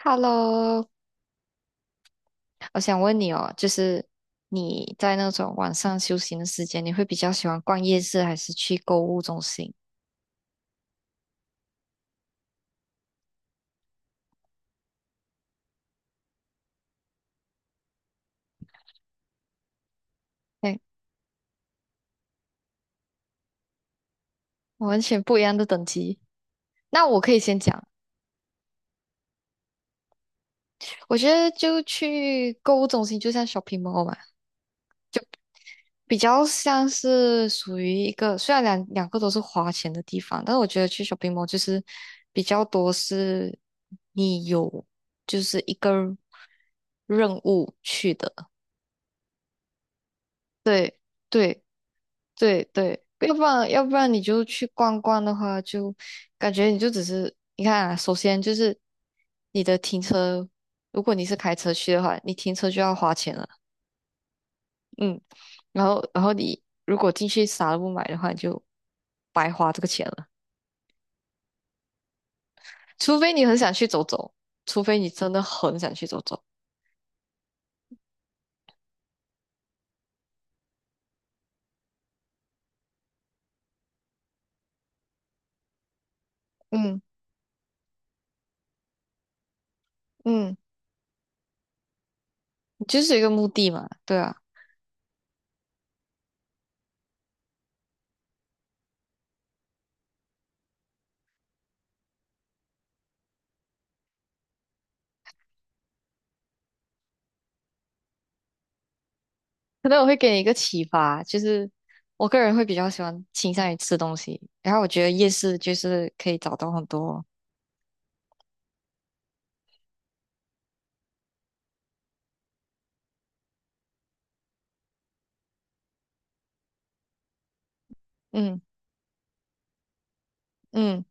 Hello，我想问你哦，就是你在那种晚上休息的时间，你会比较喜欢逛夜市还是去购物中心？哎，完全不一样的等级。那我可以先讲，我觉得就去购物中心，就像 shopping mall 嘛，比较像是属于一个，虽然两个都是花钱的地方，但是我觉得去 shopping mall 就是比较多是你有就是一个任务去的。对，对对，要不然你就去逛逛的话，就感觉你就只是你看啊，首先就是你的停车，如果你是开车去的话，你停车就要花钱了，嗯，然后你如果进去啥都不买的话，你就白花这个钱了，除非你很想去走走，除非你真的很想去走走，嗯嗯，你就是有一个目的嘛，对啊。可能我会给你一个启发，就是我个人会比较喜欢倾向于吃东西，然后我觉得夜市就是可以找到很多，嗯嗯，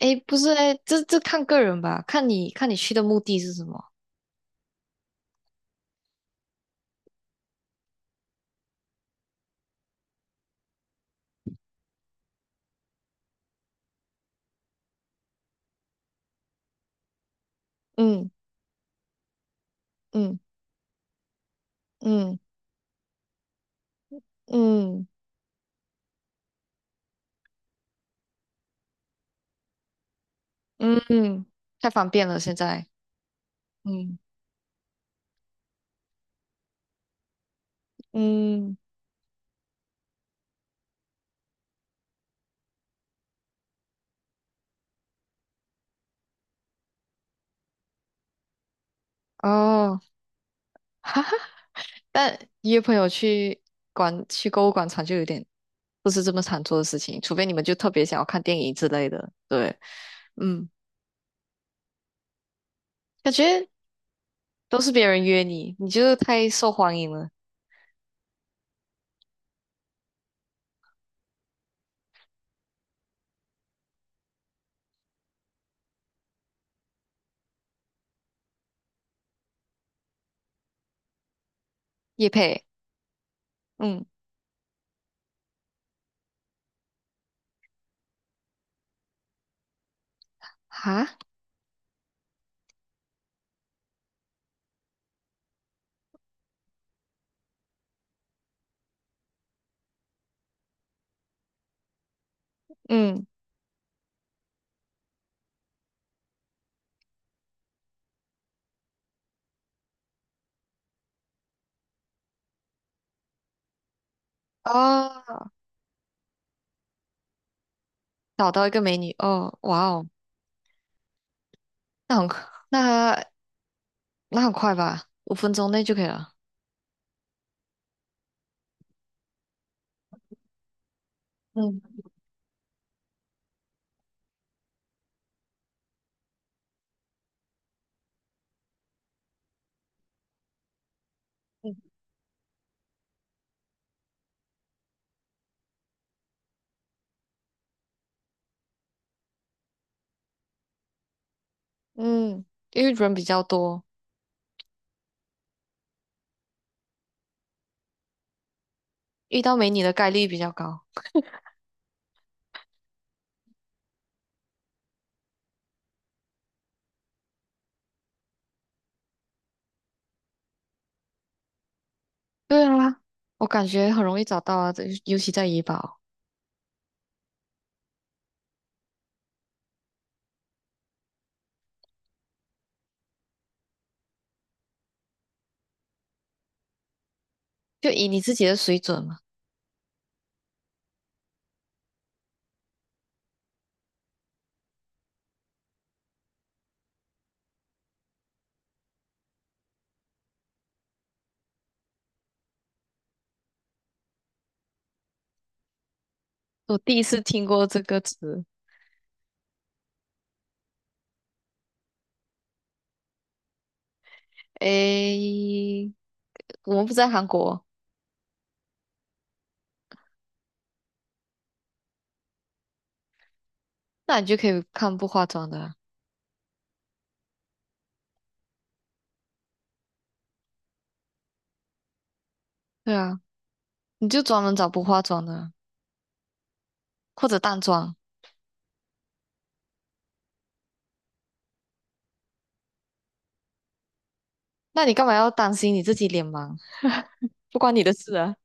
诶，不是诶，这看个人吧，看你去的目的是什么，嗯嗯嗯嗯嗯嗯，太方便了现在，嗯嗯哦，但约朋友去广去购物广场就有点不是这么常做的事情，除非你们就特别想要看电影之类的，对，嗯。感觉都是别人约你，你就是太受欢迎了。叶佩，嗯，哈，嗯，哦，找到一个美女，哦，哇哦，那很快那很快吧，5分钟内就可以了。嗯嗯，因为人比较多，遇到美女的概率比较高。对啊，我感觉很容易找到啊，这尤其在怡保，就以你自己的水准嘛。我第一次听过这个词，诶，我们不在韩国，那你就可以看不化妆的啊。对啊。你就专门找不化妆的，或者淡妆。那你干嘛要担心你自己脸盲？不关你的事啊。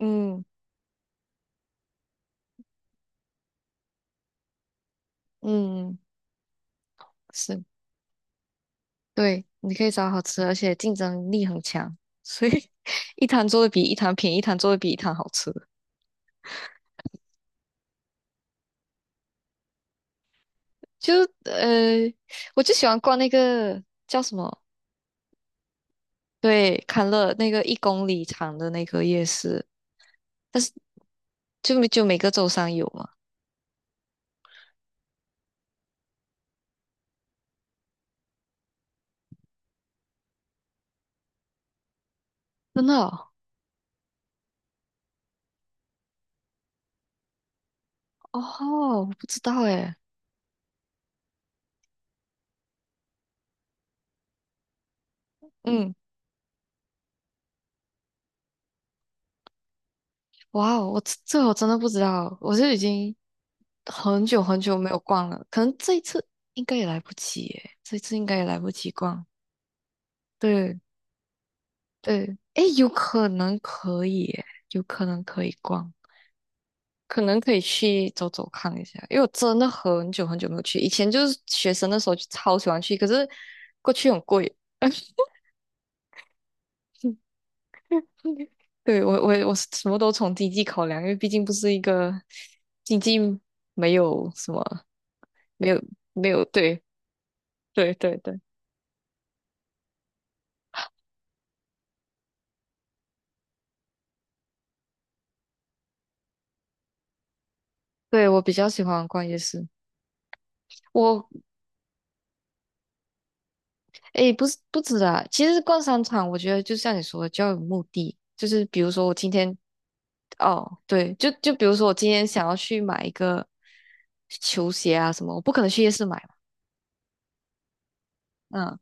嗯嗯，是，对，你可以找好吃的而且竞争力很强，所以 一摊做的比一摊便宜，一摊做的比一摊好吃。就呃，我就喜欢逛那个叫什么？对，康乐那个1公里长的那个夜市，但是就每个周三有嘛。真的哦，哦，我不知道诶。嗯。哇哦，我我真的不知道，我是已经很久很久没有逛了，可能这一次应该也来不及耶，这一次应该也来不及逛。对对，诶，有可能可以逛，可能可以去走走看一下，因为我真的很久很久没有去，以前就是学生的时候就超喜欢去，可是过去很贵。对，我是什么都从经济考量，因为毕竟不是一个经济没有什么没有没有对对对对，对我比较喜欢逛夜市。我诶，不是不止啊，其实逛商场，我觉得就像你说的，就要有目的。就是比如说我今天，哦，对，就比如说我今天想要去买一个球鞋啊什么，我不可能去夜市买嘛。嗯，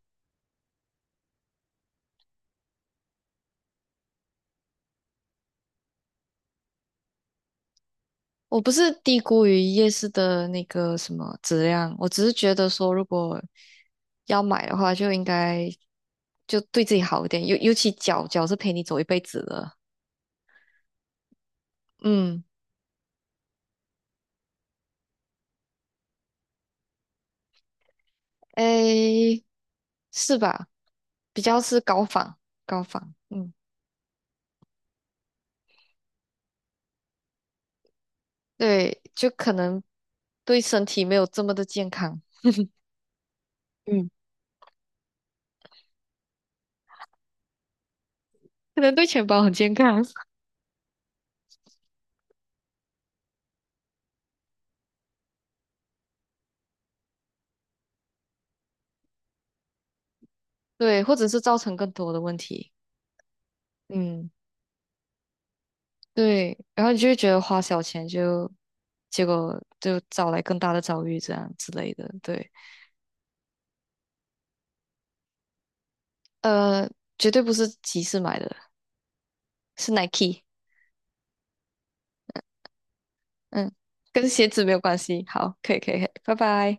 我不是低估于夜市的那个什么质量，我只是觉得说，如果要买的话，就应该就对自己好一点，尤其脚是陪你走一辈子的。嗯。诶，是吧？比较是高仿，高仿，嗯，对，就可能对身体没有这么的健康，嗯，可能对钱包很健康，对，或者是造成更多的问题，嗯，对，然后你就会觉得花小钱就，结果就招来更大的遭遇，这样之类的，对，呃，绝对不是集市买的，是 Nike,嗯，跟鞋子没有关系，好，可以，可以，可以，拜拜。